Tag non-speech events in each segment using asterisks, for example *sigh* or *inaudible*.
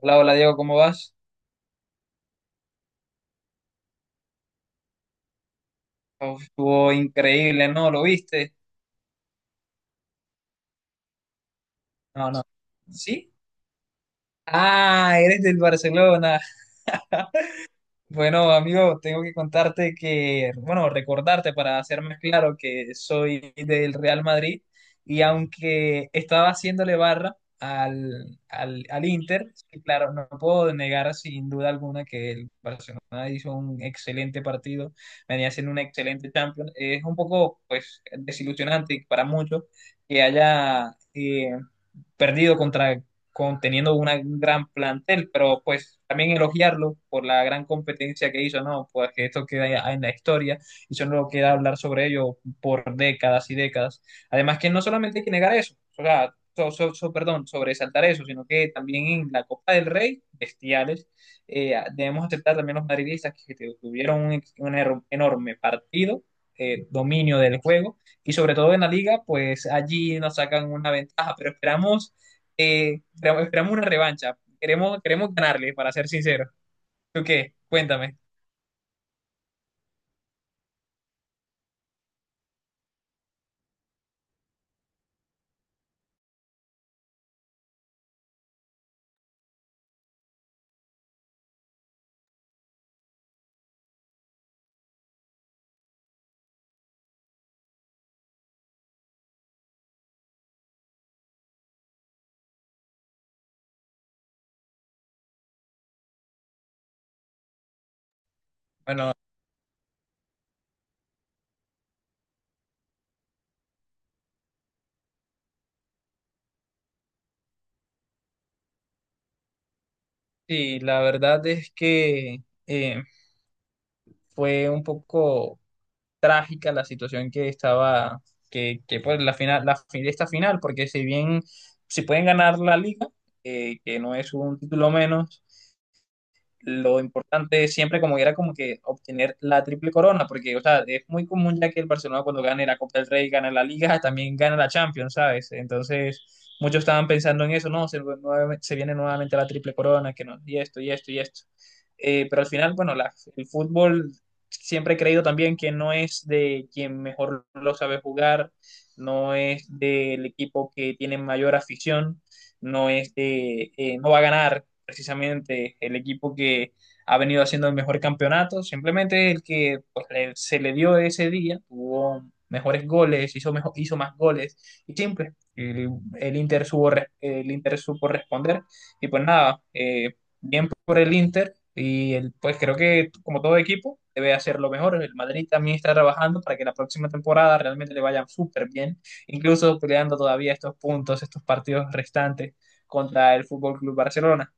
Hola, hola Diego, ¿cómo vas? Uf, estuvo increíble, ¿no? ¿Lo viste? No, no. ¿Sí? Ah, eres del Barcelona. *laughs* Bueno, amigo, tengo que contarte que, bueno, recordarte para hacerme claro que soy del Real Madrid y aunque estaba haciéndole barra al Inter, sí, claro, no puedo negar sin duda alguna que el Barcelona hizo un excelente partido, venía haciendo un excelente Champions. Es un poco, pues, desilusionante para muchos que haya perdido contra con, teniendo una, un gran plantel, pero pues también elogiarlo por la gran competencia que hizo, ¿no? Pues que esto queda en la historia y solo queda hablar sobre ello por décadas y décadas. Además que no solamente hay que negar eso, o sea, perdón, sobresaltar eso, sino que también en la Copa del Rey, bestiales, debemos aceptar también los madridistas que tuvieron un enorme partido, dominio del juego y sobre todo en la liga, pues allí nos sacan una ventaja, pero esperamos una revancha. Queremos ganarle, para ser sincero. ¿Tú qué? Cuéntame. Sí, la verdad es que fue un poco trágica la situación que estaba, que pues la final, esta final, porque si bien si pueden ganar la liga, que no es un título menos, lo importante siempre como era como que obtener la triple corona, porque, o sea, es muy común ya que el Barcelona cuando gane la Copa del Rey, gana la Liga, *laughs* también gana la Champions, ¿sabes? Entonces, muchos estaban pensando en eso, no, se viene nuevamente la triple corona, que no, y esto, y esto, y esto. Pero al final, bueno, el fútbol siempre he creído también que no es de quien mejor lo sabe jugar, no es del equipo que tiene mayor afición, no es no va a ganar precisamente el equipo que ha venido haciendo el mejor campeonato, simplemente el que pues, se le dio ese día, tuvo mejores goles, hizo más goles y simple. El Inter supo responder y pues nada, por el Inter y pues creo que como todo equipo debe hacerlo mejor. El Madrid también está trabajando para que la próxima temporada realmente le vaya súper bien, incluso peleando todavía estos puntos, estos partidos restantes contra el Fútbol Club Barcelona.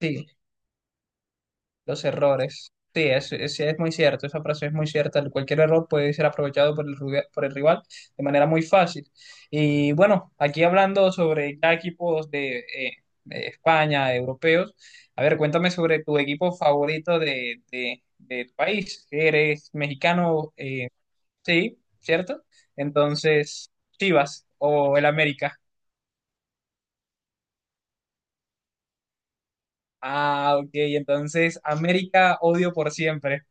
Sí, los errores. Sí, es muy cierto, esa frase es muy cierta. Cualquier error puede ser aprovechado por el rival de manera muy fácil. Y bueno, aquí hablando sobre ya equipos de de España, europeos, a ver, cuéntame sobre tu equipo favorito de tu país. Eres mexicano, sí, ¿cierto? Entonces, Chivas o el América. Ah, ok, entonces América odio por siempre.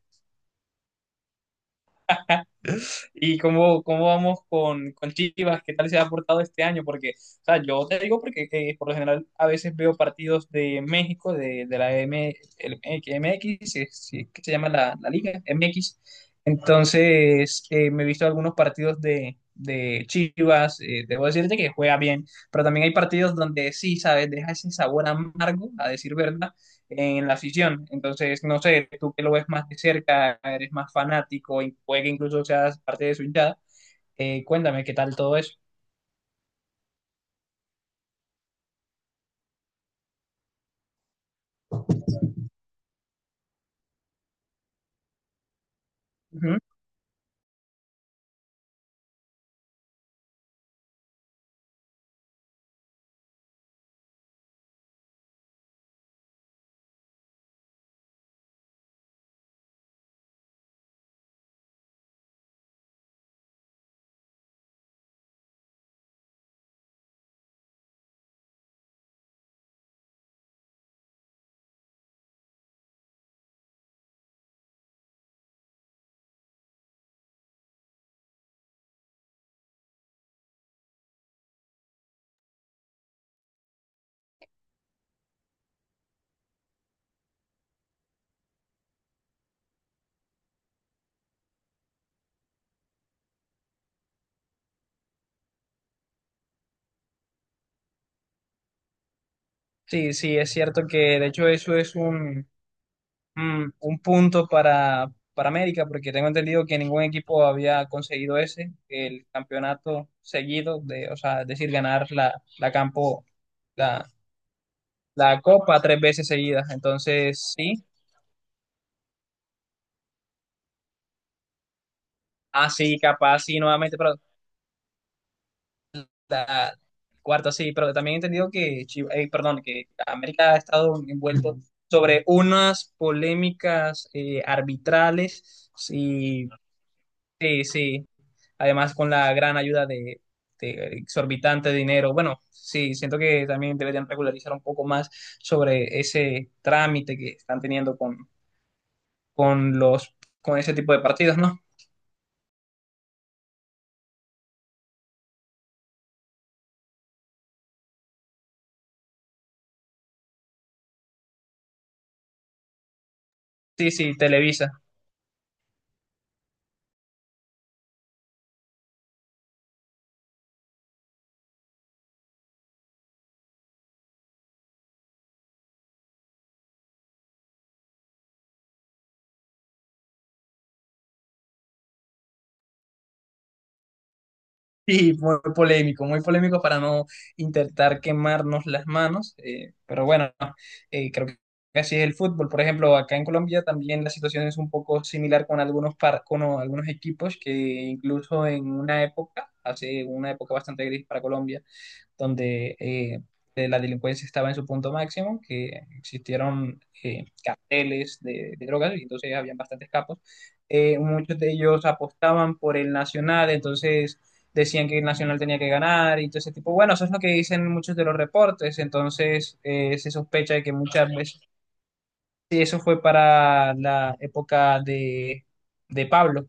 ¿Y cómo vamos con Chivas? ¿Qué tal se ha aportado este año? Porque, o sea, yo te digo porque por lo general a veces veo partidos de México, de la M, el MX, si es que se llama la liga, MX. Entonces, me he visto algunos partidos de Chivas, debo decirte que juega bien, pero también hay partidos donde sí, ¿sabes? Deja ese sabor amargo, a decir verdad en la afición. Entonces, no sé, tú que lo ves más de cerca, eres más fanático y puede que incluso seas parte de su hinchada, cuéntame qué tal todo eso. Ujú. Sí, sí, es cierto que de hecho eso es un punto para América, porque tengo entendido que ningún equipo había conseguido ese, el campeonato seguido, de, o sea, es decir, ganar la, la copa tres veces seguidas. Entonces, sí, así capaz, sí, nuevamente, pero la cuarta, sí, pero también he entendido que, perdón, que América ha estado envuelto sobre unas polémicas arbitrales, sí, sí, sí, además con la gran ayuda de exorbitante dinero, bueno, sí, siento que también deberían regularizar un poco más sobre ese trámite que están teniendo con los, con ese tipo de partidos, ¿no? Sí, sí, Televisa. Sí, muy polémico para no intentar quemarnos las manos, pero bueno, creo que así es el fútbol. Por ejemplo, acá en Colombia también la situación es un poco similar con algunos equipos que incluso en una época, hace una época bastante gris para Colombia donde la delincuencia estaba en su punto máximo, que existieron carteles de drogas y entonces habían bastantes capos. Muchos de ellos apostaban por el Nacional, entonces decían que el Nacional tenía que ganar y todo ese tipo. Bueno, eso es lo que dicen muchos de los reportes, entonces se sospecha de que muchas veces sí, eso fue para la época de Pablo.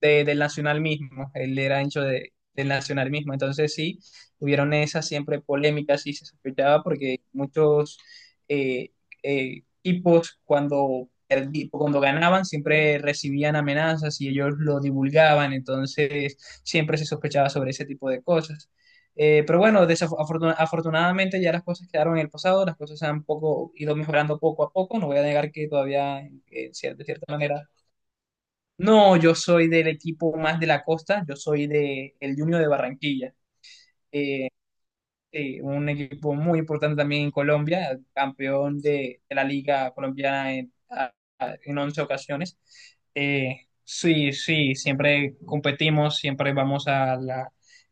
Del Nacional mismo, él era ancho del Nacional mismo, entonces sí, hubieron esas siempre polémicas y se sospechaba porque muchos eh, equipos cuando ganaban siempre recibían amenazas y ellos lo divulgaban, entonces siempre se sospechaba sobre ese tipo de cosas. Pero bueno, afortunadamente ya las cosas quedaron en el pasado, las cosas han poco, ido mejorando poco a poco, no voy a negar que todavía, de cierta manera, no, yo soy del equipo más de la costa, yo soy de el Junior de Barranquilla. Sí, un equipo muy importante también en Colombia, campeón de la Liga Colombiana en, en 11 ocasiones. Sí, sí, siempre competimos, siempre vamos a la,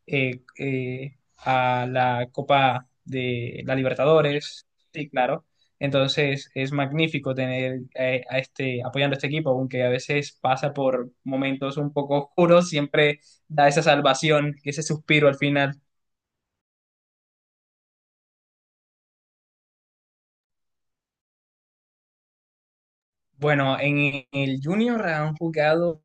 eh, eh, a la Copa de la Libertadores, sí, claro. Entonces es magnífico tener apoyando a este equipo, aunque a veces pasa por momentos un poco oscuros, siempre da esa salvación, ese suspiro al final. Bueno, en el Junior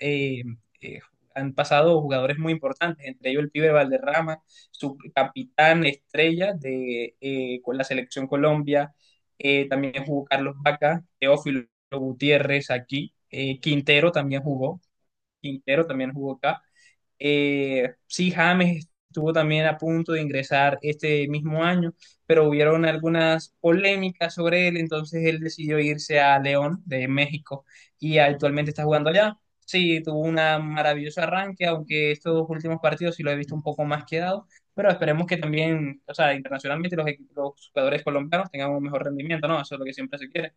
eh, eh, han pasado jugadores muy importantes, entre ellos el Pibe Valderrama, su capitán estrella de con la selección Colombia, también jugó Carlos Vaca, Teófilo Gutiérrez aquí, Quintero también jugó, acá, sí, James estuvo también a punto de ingresar este mismo año, pero hubieron algunas polémicas sobre él, entonces él decidió irse a León de México y actualmente está jugando allá. Sí, tuvo una maravilloso arranque, aunque estos últimos partidos sí lo he visto un poco más quedado, pero esperemos que también, o sea, internacionalmente los jugadores colombianos tengan un mejor rendimiento, ¿no? Eso es lo que siempre se quiere.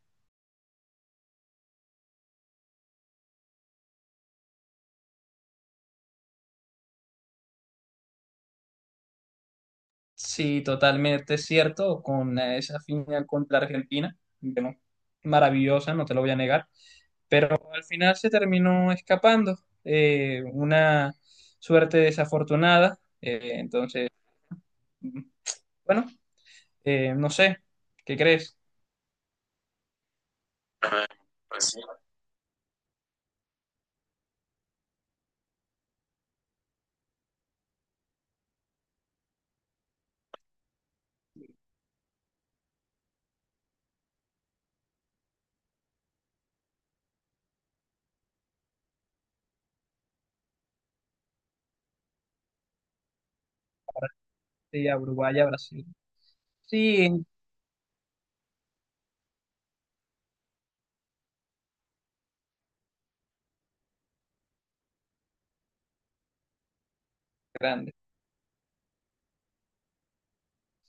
Sí, totalmente cierto, con esa final contra Argentina, bueno, maravillosa, no te lo voy a negar. Al final se terminó escapando, una suerte desafortunada, entonces, mm, bueno, no sé, ¿qué crees? Sí, a Uruguay, a Brasil. Sí, grande.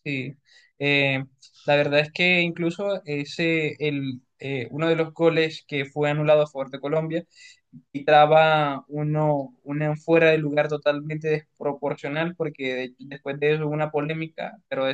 Sí, eh, la verdad es que incluso ese, el, uno de los goles que fue anulado a favor de Colombia quitaba una fuera de lugar totalmente desproporcional porque después de eso hubo una polémica, pero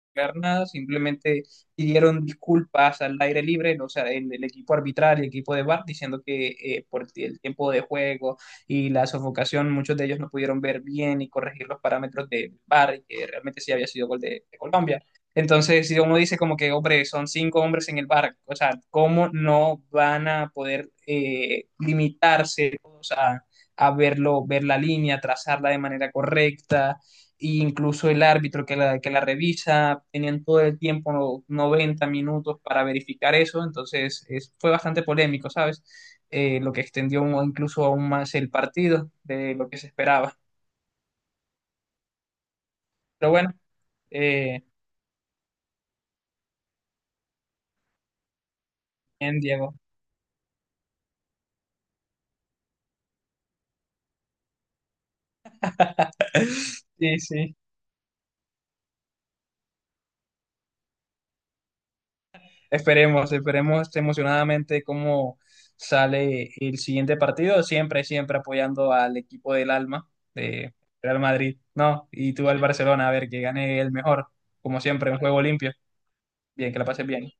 explicar nada, simplemente pidieron disculpas al aire libre, o sea, el equipo arbitral, el equipo de VAR, diciendo que por el tiempo de juego y la sofocación, muchos de ellos no pudieron ver bien y corregir los parámetros del VAR, y que realmente sí había sido gol de Colombia. Entonces, si uno dice como que, hombre, son cinco hombres en el VAR, o sea, ¿cómo no van a poder limitarse o sea, a verlo, ver la línea, trazarla de manera correcta? E incluso el árbitro que la revisa, tenían todo el tiempo, 90 minutos para verificar eso, entonces fue bastante polémico, ¿sabes? Lo que extendió incluso aún más el partido de lo que se esperaba. Pero bueno, eh, bien, Diego. Sí, sí. Esperemos, esperemos emocionadamente cómo sale el siguiente partido, siempre, siempre apoyando al equipo del alma, de Real Madrid, ¿no? Y tú al Barcelona, a ver que gane el mejor, como siempre, un juego limpio. Bien, que la pases bien.